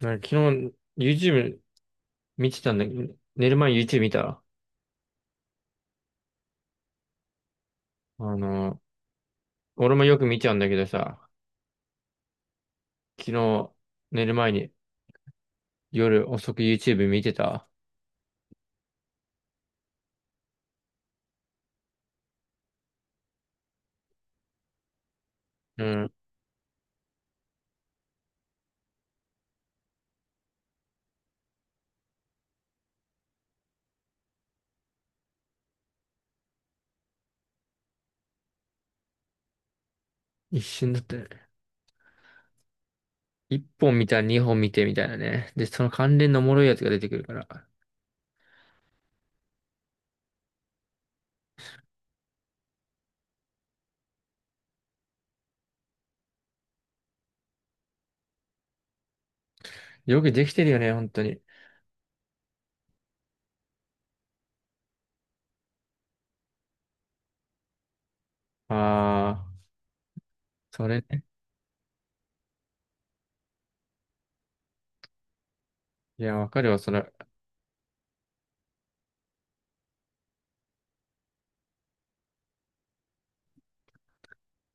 なんか昨日 YouTube 見てたんだけど、寝る前に YouTube 見た。あの、俺もよく見ちゃうんだけどさ、昨日寝る前に夜遅く YouTube 見てた。うん。一瞬だったよね。一本見たら二本見てみたいなね。で、その関連のおもろいやつが出てくるから。よくできてるよね、本当に。ああ、それね。いや、わかるわ、それ。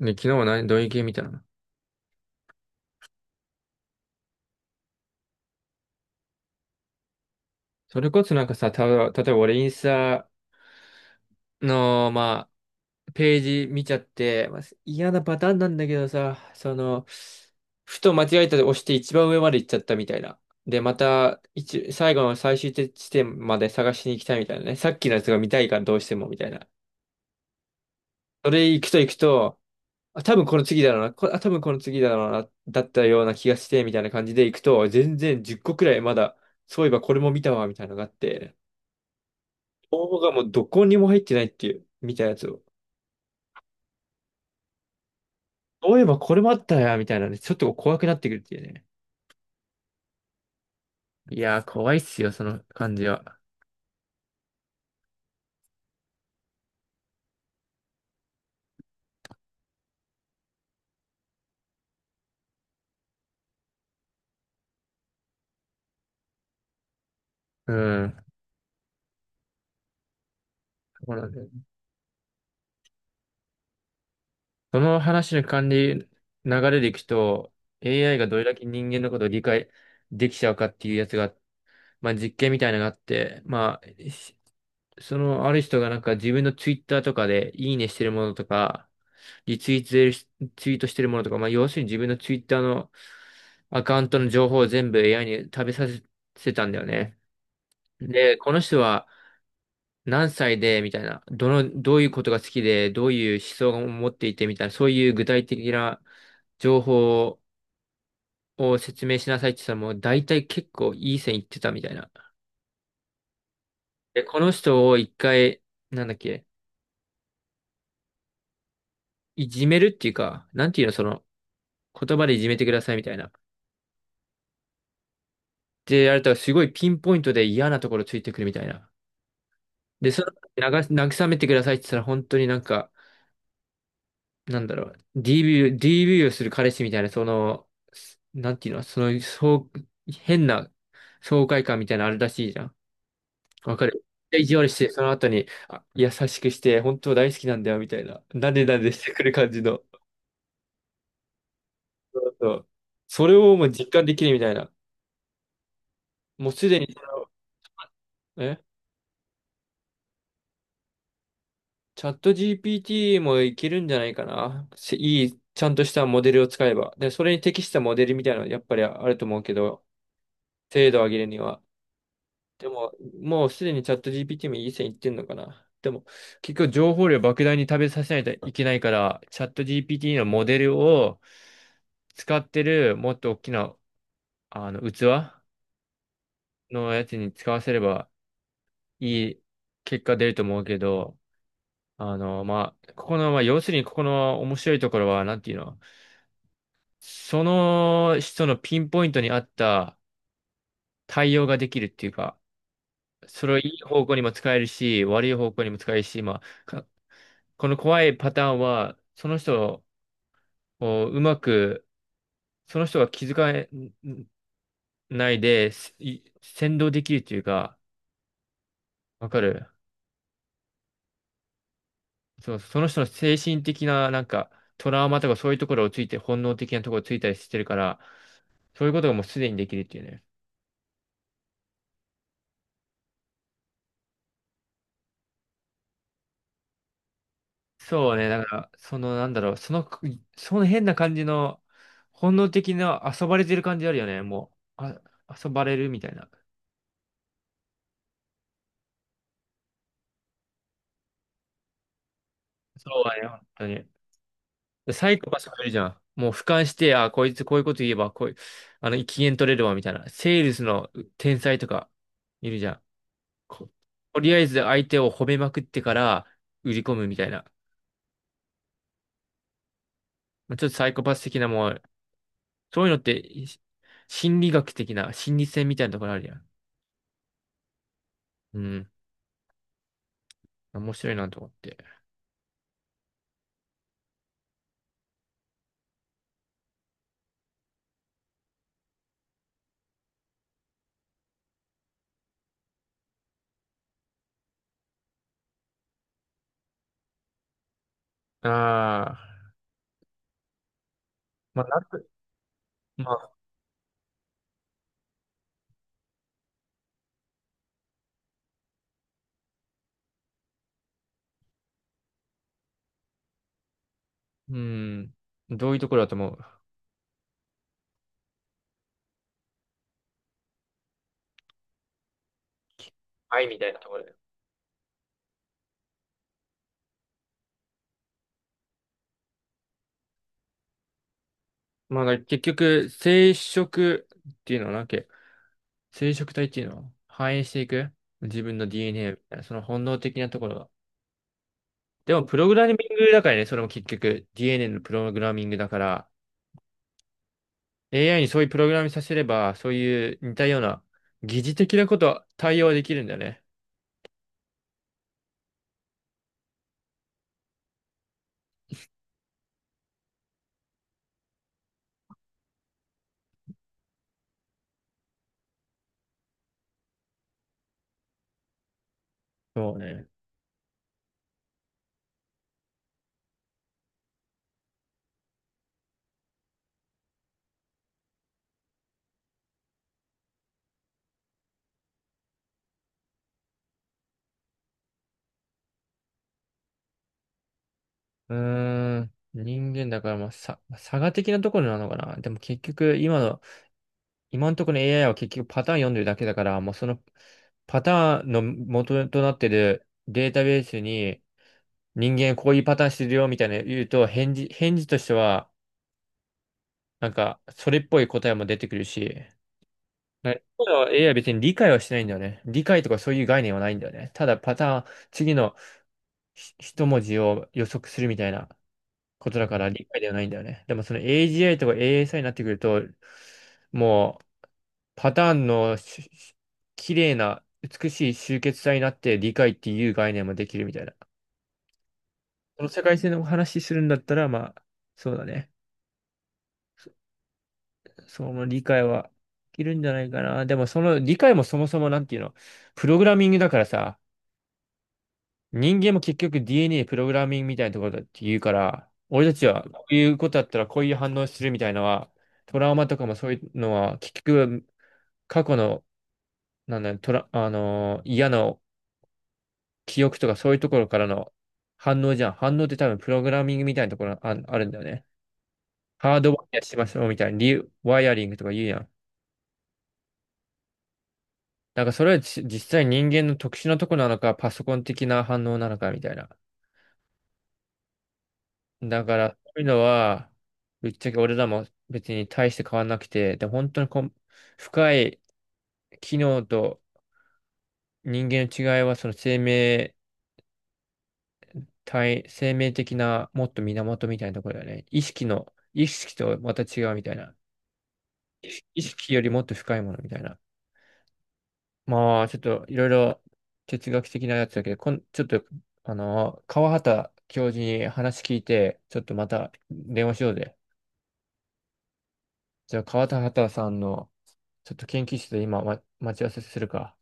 ね、昨日は何、どういう系見たの？それこそなんかさ、例えば俺インスタの、まあ、ページ見ちゃって、まあ、嫌なパターンなんだけどさ、その、ふと間違えたで押して一番上まで行っちゃったみたいな。で、また、最後の最終地点まで探しに行きたいみたいなね。さっきのやつが見たいからどうしてもみたいな。それ行くと行くと、あ、多分この次だろうな、あ、多分この次だろうな、だったような気がして、みたいな感じで行くと、全然10個くらいまだ、そういえばこれも見たわ、みたいなのがあって、応募がもうどこにも入ってないっていう、みたいなやつを。そういえばこれもあったや、みたいなね、ちょっと怖くなってくるっていうね。いやー、怖いっすよ、その感じは。うん。そうなんだよ。その話の管理流れでいくと、AI がどれだけ人間のことを理解できちゃうかっていうやつが、まあ実験みたいなのがあって、そのある人がなんか自分のツイッターとかでいいねしてるものとか、リツイートしてるツイートしてるものとか、まあ要するに自分のツイッターのアカウントの情報を全部 AI に食べさせてたんだよね。で、この人は、何歳で、みたいな、どういうことが好きで、どういう思想を持っていて、みたいな、そういう具体的な情報を説明しなさいって言ったら、もう大体結構いい線いってたみたいな。で、この人を一回、なんだっけ、いじめるっていうか、なんていうの、その、言葉でいじめてくださいみたいな。で、やるれたらすごいピンポイントで嫌なところついてくるみたいな。で、慰めてくださいって言ったら、本当になんか、なんだろう、DV をする彼氏みたいな、なんていうの、そう、変な爽快感みたいなのあるらしいじゃん。わかる。意地悪して、その後に、あ、優しくして、本当大好きなんだよ、みたいな。なでなでしてくる感じの。そうそう。それをもう実感できるみたいな。もうすでにその、え、チャット GPT もいけるんじゃないかな。せいい、ちゃんとしたモデルを使えば。で、それに適したモデルみたいなのやっぱりあると思うけど、精度を上げるには。でも、もうすでにチャット GPT もいい線いってんのかな。でも、結局情報量莫大に食べさせないといけないから、チャット GPT のモデルを使ってるもっと大きな器のやつに使わせればいい結果出ると思うけど、あの、まあ、ここの、まあ、要するにここの面白いところは、なんていうの、その人のピンポイントに合った対応ができるっていうか、それをいい方向にも使えるし、悪い方向にも使えるし、あ、かこの怖いパターンは、その人をうまく、その人が気づかないで、先導できるというか、わかる？そう、その人の精神的な、なんか、トラウマとかそういうところをついて、本能的なところをついたりしてるから、そういうことがもうすでにできるっていうね。そうね、だから、その、なんだろう、その、その変な感じの、本能的な遊ばれてる感じあるよね、もう。あ、遊ばれるみたいな。そうだね、本当に。でサイコパスもいるじゃん。もう俯瞰して、あ、こいつこういうこと言えば、こういう、あの、機嫌取れるわ、みたいな。セールスの天才とかいるじゃん。こ、とりあえず相手を褒めまくってから売り込むみたいな。まあちょっとサイコパス的なもう、そういうのってい心理学的な、心理戦みたいなところあるじゃん。うん。面白いなと思って。ああ、まあ、なんとまあ、うん。どういうところだと思う？愛みたいなところだよ。まあ、だから結局、ていうのはな、生殖体っていうのは反映していく自分の DNA みたいな、その本能的なところが。でも、プログラミングだからね、それも結局 DNA のプログラミングだから、AI にそういうプログラミングさせれば、そういう似たような疑似的なことは対応できるんだよね。そうね。うーん。人間だから、差が的なところなのかな。でも結局、今のところの AI は結局パターン読んでるだけだから、もうそのパターンの元となってるデータベースに、人間こういうパターンしてるよみたいなの言うと、返事としては、なんか、それっぽい答えも出てくるし、だから AI は別に理解はしてないんだよね。理解とかそういう概念はないんだよね。ただパターン、次の一文字を予測するみたいなことだから理解ではないんだよね。でもその AGI とか ASI になってくると、もうパターンの綺麗な美しい集結体になって理解っていう概念もできるみたいな。その世界線の話するんだったら、まあ、そうだね。その理解はできるんじゃないかな。でもその理解もそもそもなんていうの、プログラミングだからさ、人間も結局 DNA プログラミングみたいなところだって言うから、俺たちはこういうことだったらこういう反応するみたいなのは、トラウマとかもそういうのは、結局過去の、なんだ、トラ、あのー嫌な記憶とかそういうところからの反応じゃん。反応って多分プログラミングみたいなところあるんだよね。ハードワイヤーしましょうみたいな、リワイヤリングとか言うやん。なんかそれは実際人間の特殊なとこなのか、パソコン的な反応なのかみたいな。だから、そういうのは、ぶっちゃけ俺らも別に大して変わんなくて、で、本当に深い機能と人間の違いは、生命的なもっと源みたいなところだよね。意識とまた違うみたいな。意識よりもっと深いものみたいな。まあ、ちょっといろいろ哲学的なやつだけど、こん、ちょっと、あの、川畑教授に話聞いて、ちょっとまた電話しようぜ。じゃあ、川畑さんの、ちょっと研究室で今、待ち合わせするか。